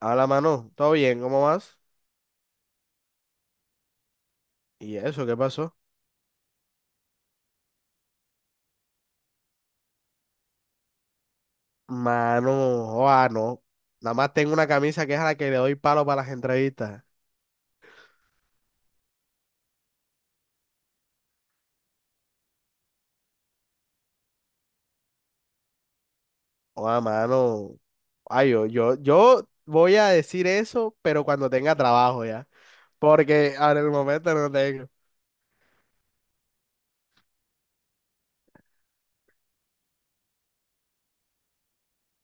Habla, mano. ¿Todo bien? ¿Cómo vas? ¿Y eso qué pasó? Mano, oa, no. Nada más tengo una camisa que es a la que le doy palo para las entrevistas. Oa, mano. Ay, yo voy a decir eso, pero cuando tenga trabajo ya. Porque ahora en el momento no tengo.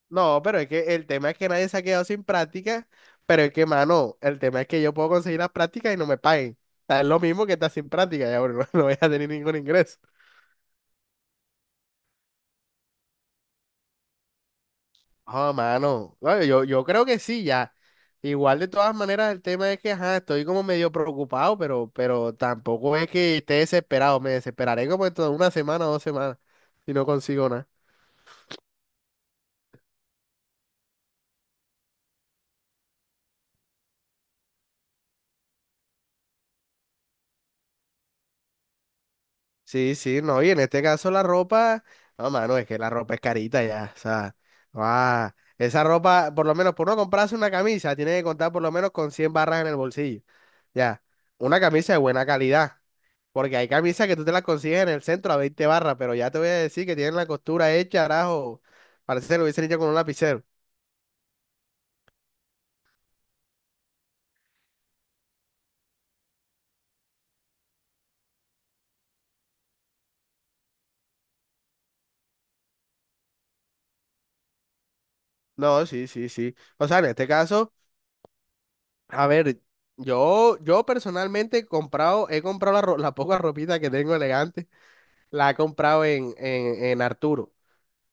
No, pero es que el tema es que nadie se ha quedado sin práctica. Pero es que, mano, el tema es que yo puedo conseguir las prácticas y no me paguen. O sea, es lo mismo que estar sin práctica, ya, bro, no voy a tener ningún ingreso. Ah, mano. Bueno, yo creo que sí, ya. Igual de todas maneras el tema es que, ajá, estoy como medio preocupado, pero tampoco es que esté desesperado. Me desesperaré como en toda una semana o dos semanas si no consigo nada. Sí, sí, no, y en este caso la ropa, no, mano, es que la ropa es carita ya, o sea, ah, esa ropa, por lo menos, por no comprarse una camisa, tiene que contar por lo menos con 100 barras en el bolsillo, ya, una camisa de buena calidad. Porque hay camisas que tú te las consigues en el centro a 20 barras, pero ya te voy a decir que tienen la costura hecha, carajo. Parece que lo hubiesen hecho con un lapicero. No, sí, sí, sí. O sea, en este caso, a ver, yo personalmente he comprado la poca ropita que tengo elegante, la he comprado en Arturo,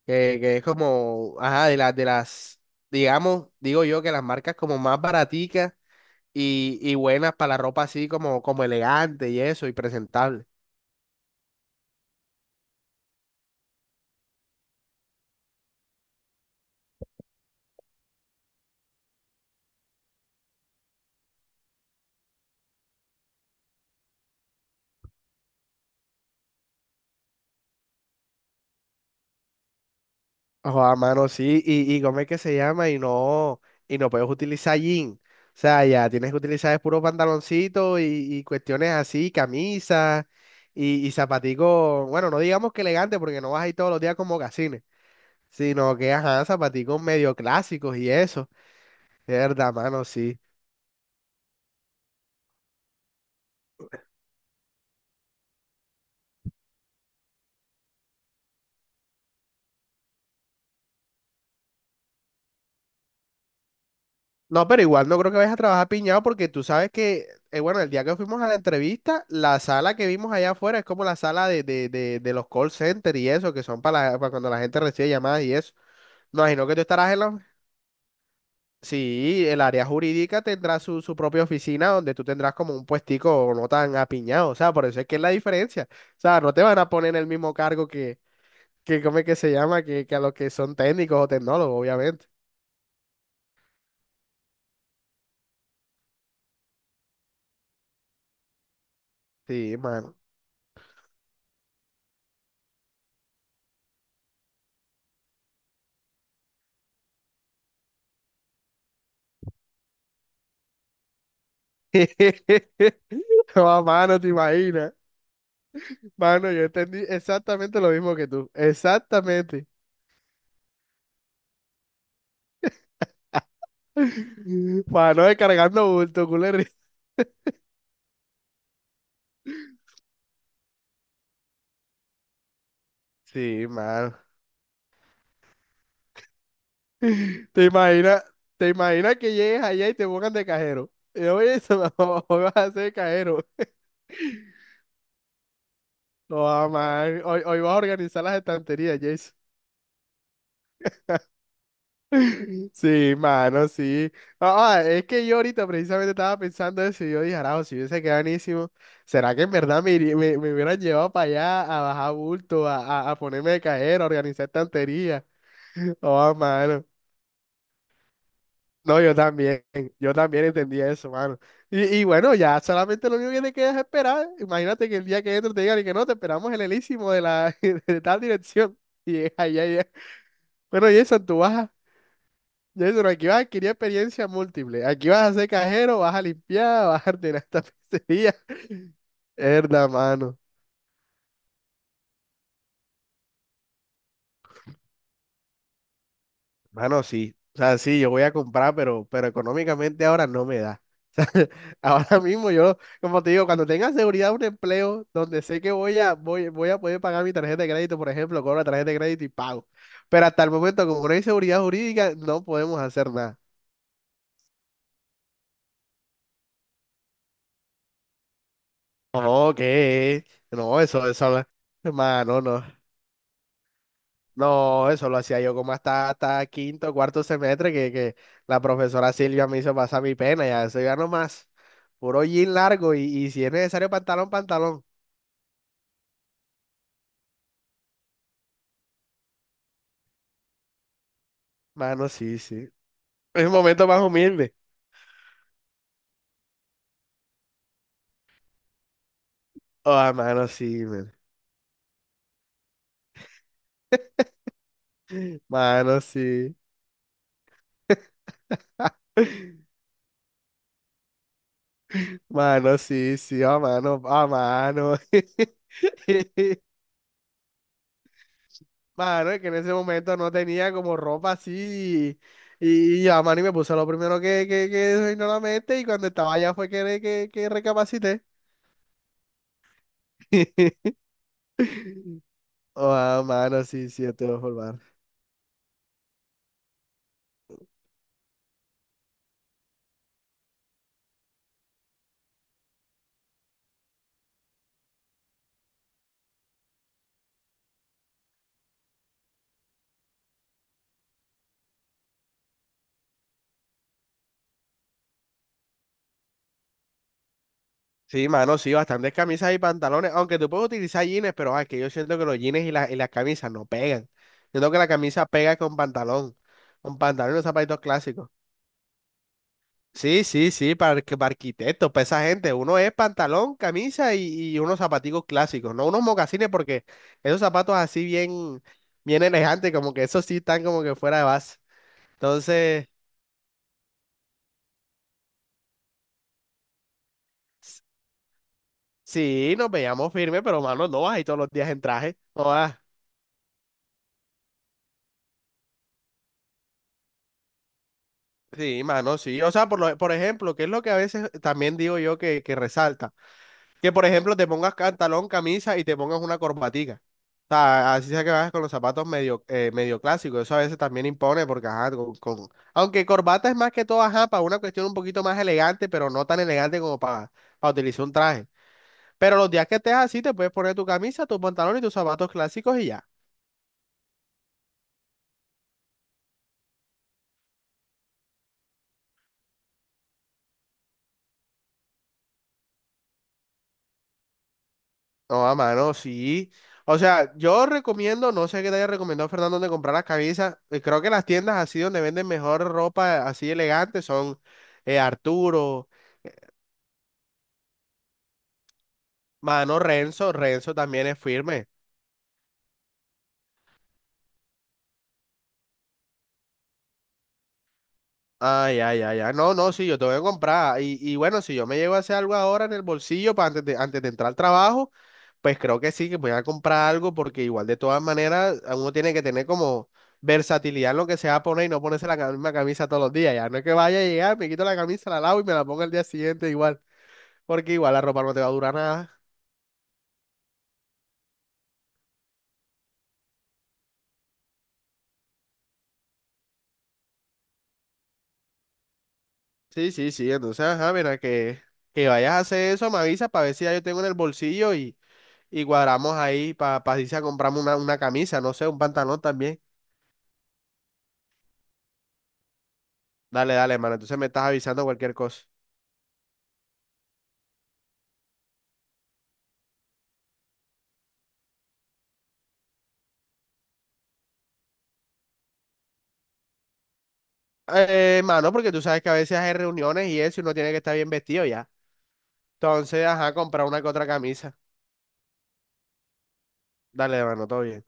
que es como, ajá, de las, digamos, digo yo que las marcas como más baraticas y buenas para la ropa así como, como elegante y eso, y presentable. Joder, mano, sí, y ¿cómo es que se llama? Y no puedes utilizar jean. O sea, ya tienes que utilizar es puro pantaloncito y cuestiones así, camisas y zapaticos, bueno, no digamos que elegante porque no vas ahí todos los días con mocasines, sino que, ajá, zapaticos medio clásicos y eso. De verdad, mano, sí. No, pero igual no creo que vayas a trabajar piñado porque tú sabes que, bueno, el día que fuimos a la entrevista, la sala que vimos allá afuera es como la sala de los call centers y eso, que son para, para cuando la gente recibe llamadas y eso. Me imagino que tú estarás en la... Sí, el área jurídica tendrá su, su propia oficina donde tú tendrás como un puestico no tan apiñado, o sea, por eso es que es la diferencia. O sea, no te van a poner en el mismo cargo que ¿cómo es que se llama? Que a los que son técnicos o tecnólogos, obviamente. Sí, mano. No, mano, te imaginas. Mano, yo entendí exactamente lo mismo que tú. Exactamente. Mano, descargando bulto, culero. Sí, mano. ¿Te imaginas, te imaginas que llegues allá y te pongan de cajero? Y yo, oye, hoy vas a ser cajero. No, man. Hoy, hoy vas a organizar las estanterías, Jason. Sí, mano, sí. Ah, ah, es que yo ahorita precisamente estaba pensando eso y yo dije, arajo, si hubiese quedado buenísimo, ¿será que en verdad me, me hubieran llevado para allá a bajar bulto, a ponerme de cajero, a organizar estantería? Oh, mano. No, yo también entendí eso, mano. Y bueno, ya solamente lo único que te queda es esperar. Imagínate que el día que entro te digan y que no, te esperamos en el Elísimo de la de tal dirección. Y allá, allá. Bueno, Jason, tú vas a Jason, aquí vas a adquirir experiencia múltiple. Aquí vas a ser cajero, vas a limpiar, vas a ordenar esta pizzería. Herda, mano. Mano, sí. O sea, sí, yo voy a comprar, pero económicamente ahora no me da. O sea, ahora mismo yo, como te digo, cuando tenga seguridad un empleo donde sé que voy a, voy a poder pagar mi tarjeta de crédito, por ejemplo, cobro la tarjeta de crédito y pago. Pero hasta el momento, como no hay seguridad jurídica, no podemos hacer nada. No, ¿qué? No, eso, hermano, no. No, eso lo hacía yo como hasta quinto, cuarto semestre, que la profesora Silvia me hizo pasar mi pena, ya eso ya no más. Puro jean largo y si es necesario pantalón, pantalón. Mano, sí, sí. Es un momento más humilde. Oh, mano, sí, man. Mano, sí. Mano, sí, sí, oh, mano, oh, mano. Mano, es que en ese momento no tenía como ropa así y ya, mano, y me puse lo primero que se me vino a la mente y cuando estaba allá fue que recapacité. Oh, ah, mano, sí, sí, te voy a formar. Sí, mano, sí, bastantes camisas y pantalones, aunque tú puedes utilizar jeans, pero ah, es que yo siento que los jeans y, y las camisas no pegan. Siento que la camisa pega con pantalón y los zapatos clásicos. Sí, sí, sí, para, para arquitectos, para esa gente. Uno es pantalón, camisa y unos zapaticos clásicos, no unos mocasines, porque esos zapatos así bien, bien elegantes, como que esos sí están como que fuera de base. Entonces, s- sí, nos veíamos firmes, pero mano, no vas ahí todos los días en traje. No vas. Sí, mano, sí. O sea, por, por ejemplo, que es lo que a veces también digo yo que resalta. Que por ejemplo te pongas pantalón, camisa y te pongas una corbatica. O sea, así sea que vayas con los zapatos medio, medio clásicos. Eso a veces también impone porque, ajá, con- Aunque corbata es más que todo, ajá, para una cuestión un poquito más elegante, pero no tan elegante como para utilizar un traje. Pero los días que estés así, te puedes poner tu camisa, tu pantalón y tus zapatos clásicos y ya. No, a mano, sí. O sea, yo recomiendo, no sé qué te haya recomendado Fernando de comprar las camisas. Creo que las tiendas así donde venden mejor ropa así elegante son Arturo. Mano, Renzo, Renzo también es firme. Ay, ay, ay, ay. No, no, sí, yo tengo que comprar. Y bueno, si yo me llego a hacer algo ahora en el bolsillo para antes de entrar al trabajo, pues creo que sí, que voy a comprar algo porque igual de todas maneras a uno tiene que tener como versatilidad en lo que se va a poner y no ponerse misma camisa todos los días. Ya no es que vaya a llegar, me quito la camisa, la lavo y me la pongo el día siguiente igual, porque igual la ropa no te va a durar nada. Sí, sí, sí. Entonces, ajá, mira, que vayas a hacer eso, me avisas para ver si ya yo tengo en el bolsillo y cuadramos ahí para pa pa irse a comprarme una camisa, no sé, un pantalón también. Dale, dale, mano. Entonces me estás avisando cualquier cosa. Mano, porque tú sabes que a veces hay reuniones y eso y uno tiene que estar bien vestido ya. Entonces, ajá, comprar una que otra camisa. Dale, mano, todo bien.